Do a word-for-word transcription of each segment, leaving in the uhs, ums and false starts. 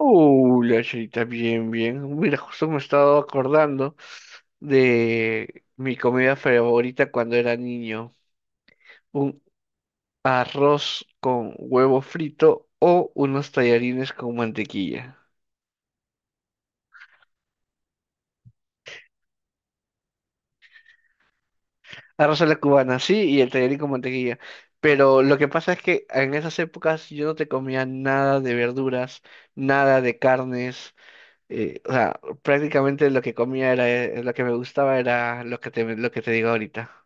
Uh, la chita, bien, bien. Mira, justo me estaba acordando de mi comida favorita cuando era niño. Un arroz con huevo frito o unos tallarines con mantequilla. Arroz a la cubana, sí, y el tallarín con mantequilla. Pero lo que pasa es que en esas épocas yo no te comía nada de verduras, nada de carnes. Eh, o sea, prácticamente lo que comía era, eh, lo que me gustaba era lo que te, lo que te digo ahorita.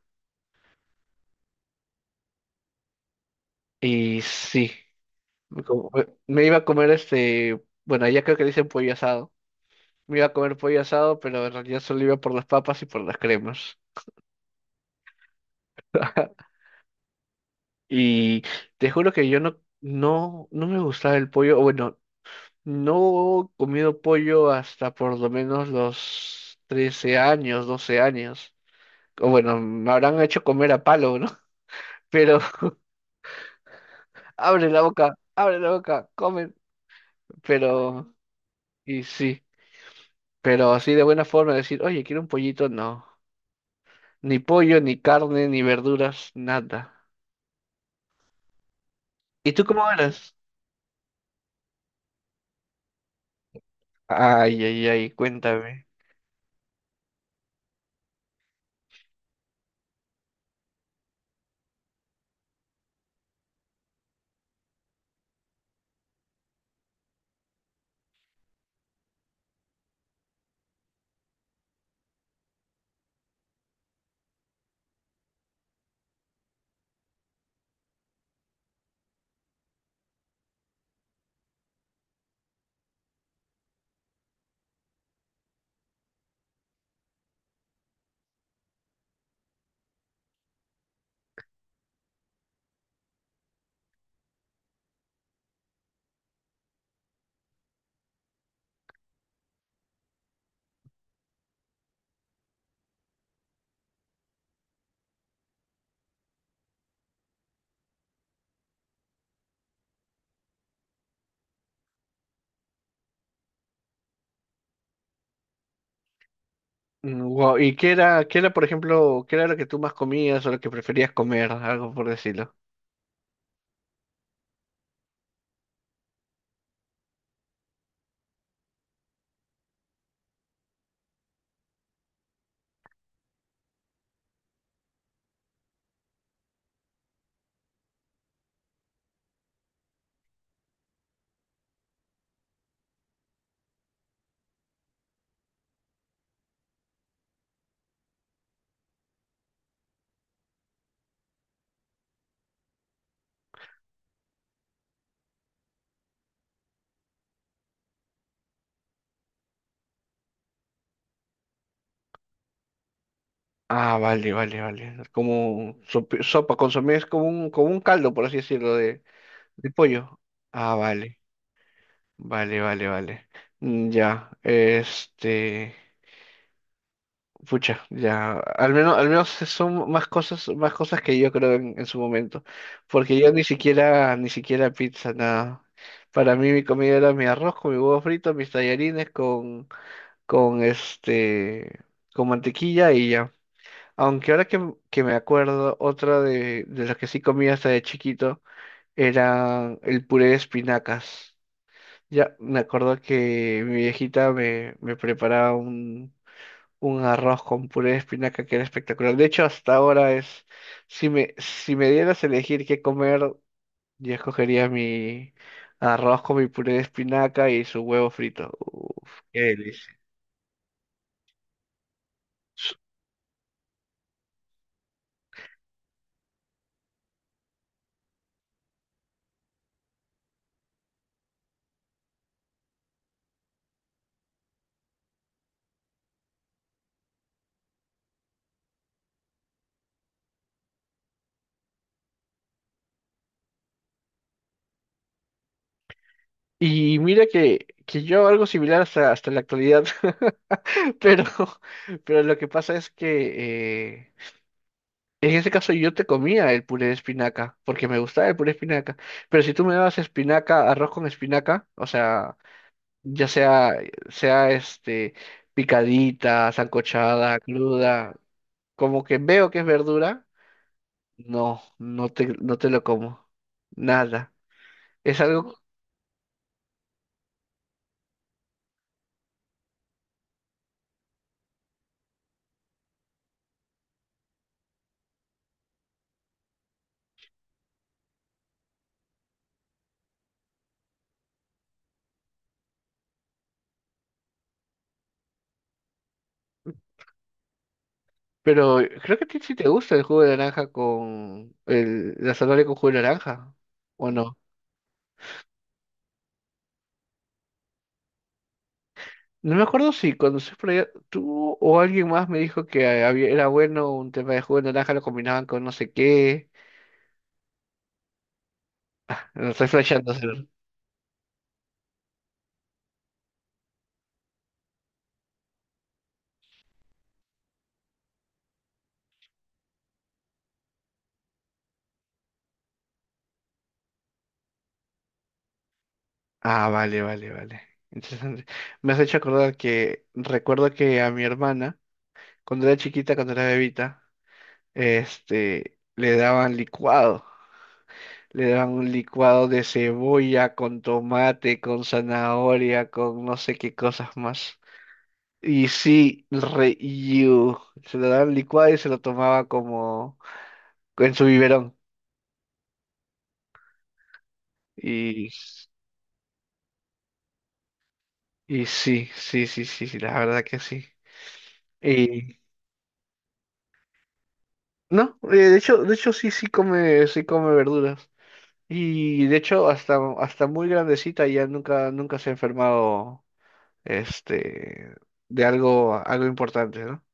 Y sí. Me co- Me iba a comer este, bueno, allá creo que le dicen pollo asado. Me iba a comer pollo asado, pero en realidad solo iba por las papas y por las cremas. Y te juro que yo no, no, no me gustaba el pollo. O bueno, no he comido pollo hasta por lo menos los trece años, doce años. O bueno, me habrán hecho comer a palo, ¿no? Pero abre la boca, abre la boca, comen. Pero, y sí, pero así de buena forma decir, oye, quiero un pollito, no. Ni pollo, ni carne, ni verduras, nada. ¿Y tú cómo eras? Ay, ay, ay, cuéntame. Mm, wow. ¿Y qué era, qué era, por ejemplo, qué era lo que tú más comías o lo que preferías comer? Algo por decirlo. Ah, vale, vale, vale. Como sop- sopa, consomé es como un, como un caldo, por así decirlo, de de pollo. Ah, vale, vale, vale, vale. Mm, ya, este. Pucha, ya, al menos, al menos son más cosas, más cosas que yo creo en en su momento, porque yo ni siquiera, ni siquiera pizza, nada. Para mí mi comida era mi arroz con mi huevo frito, mis tallarines con, con este, con mantequilla y ya. Aunque ahora que, que me acuerdo, otra de, de las que sí comía hasta de chiquito era el puré de espinacas. Ya, me acuerdo que mi viejita me, me preparaba un arroz con puré de espinaca que era espectacular. De hecho, hasta ahora es, si me, si me dieras a elegir qué comer, yo escogería mi arroz con mi puré de espinaca y su huevo frito. Uf, qué delicia. Y mira que, que yo hago algo similar hasta, hasta la actualidad, pero, pero lo que pasa es que eh, en ese caso yo te comía el puré de espinaca, porque me gustaba el puré de espinaca, pero si tú me dabas espinaca, arroz con espinaca, o sea, ya sea, sea este, picadita, sancochada, cruda, como que veo que es verdura, no, no te, no te lo como, nada. Es algo, pero creo que a ti sí te gusta el jugo de naranja con, el, la zanahoria con jugo de naranja, ¿o no? No me acuerdo si cuando se por allá, tú o alguien más me dijo que había, era bueno un tema de jugo de naranja, lo combinaban con no sé qué. No estoy flasheando. Ah, vale, vale, vale. Interesante. Me has hecho acordar que recuerdo que a mi hermana, cuando era chiquita, cuando era bebita, este, le daban licuado. Le daban un licuado de cebolla con tomate, con zanahoria, con no sé qué cosas más. Y sí, re you. Se lo daban licuado y se lo tomaba como en su biberón. Y, y sí, sí, sí, sí, sí, la verdad que sí. No, eh, de hecho, de hecho sí, sí come, sí come verduras. Y de hecho, hasta, hasta muy grandecita ya nunca, nunca se ha enfermado, este, de algo, algo importante, ¿no?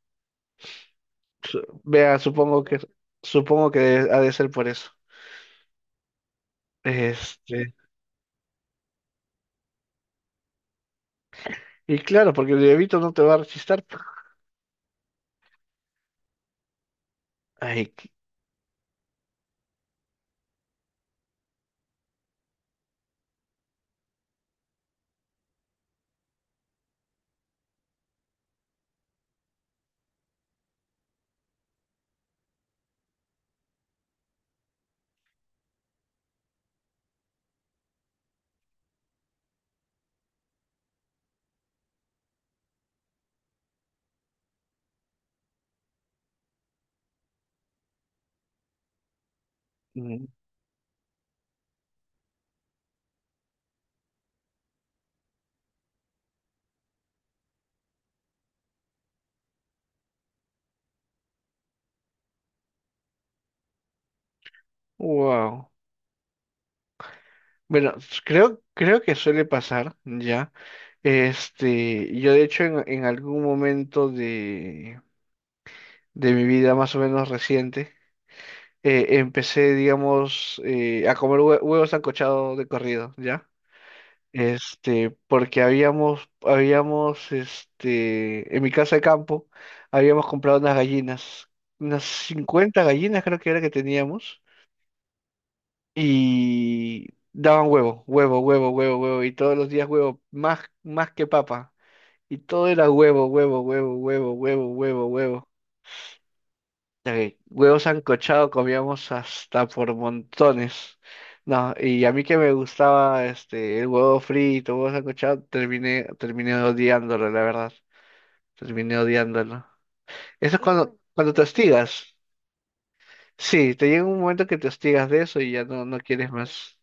Su- Vea, supongo que, supongo que ha de ser por eso. Este, y claro, porque el bebito no te va a rechistar. Ay, qué- mm, wow. Bueno, s- creo, creo que suele pasar, ya. Este, yo de hecho en, en algún momento de mi vida más o menos reciente, eh, empecé, digamos, eh, a comer hue- huevos ancochados de corrido, ¿ya? Este, porque habíamos, habíamos, este, en mi casa de campo, habíamos comprado unas gallinas, unas cincuenta gallinas creo que era que teníamos, y daban huevo, huevo, huevo, huevo, huevo, y todos los días huevo, más, más que papa, y todo era huevo, huevo, huevo, huevo, huevo, huevo, huevo. Ok, huevos sancochado comíamos hasta por montones. No, y a mí que me gustaba este el huevo frito, huevo sancochado, terminé, terminé odiándolo, la verdad. Terminé odiándolo. Eso es cuando, cuando te hostigas. Sí, te llega un momento que te hostigas de eso y ya no, no quieres más.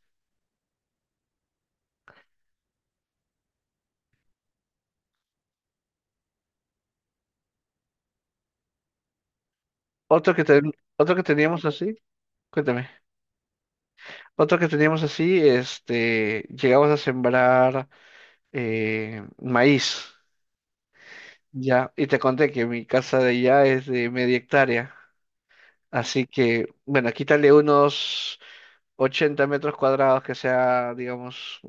Otro que ten- otro que teníamos así, cuéntame. Otro que teníamos así, este, llegamos a sembrar eh, maíz. Ya, y te conté que mi casa de allá es de media hectárea, así que, bueno, quítale unos ochenta metros cuadrados que sea, digamos,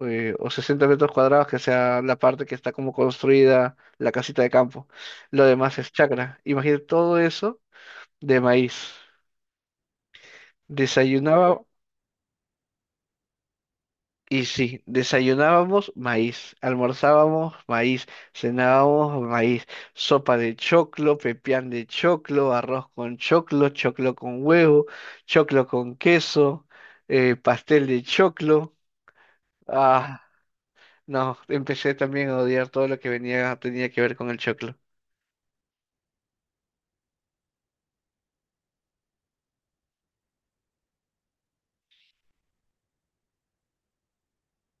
eh, o sesenta metros cuadrados que sea la parte que está como construida, la casita de campo. Lo demás es chacra. Imagínate todo eso de maíz. Wow. Desayunaba, Y sí, desayunábamos maíz, almorzábamos maíz, cenábamos maíz, sopa de choclo, pepián de choclo, arroz con choclo, choclo con huevo, choclo con queso, eh, pastel de choclo. Ah, no, empecé también a odiar todo lo que venía, tenía que ver con el choclo.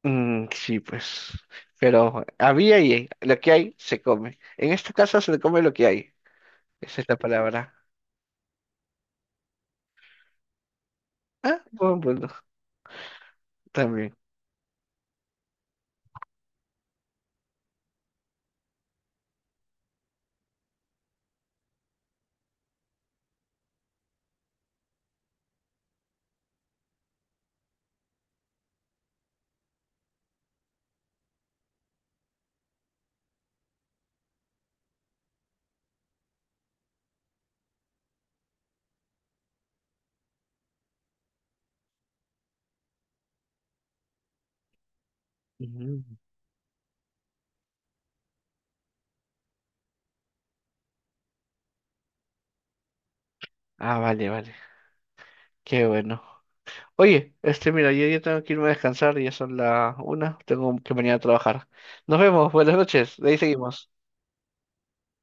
Mm, sí, pues. Pero había y hay. Lo que hay se come. En esta casa se come lo que hay. Esa es la palabra. Ah, buen punto, también. Ujú. Ah, vale, vale. Qué bueno. Oye, este, mira, yo ya tengo que irme a descansar, ya son las una, tengo que mañana a trabajar. Nos vemos, buenas noches, de ahí seguimos.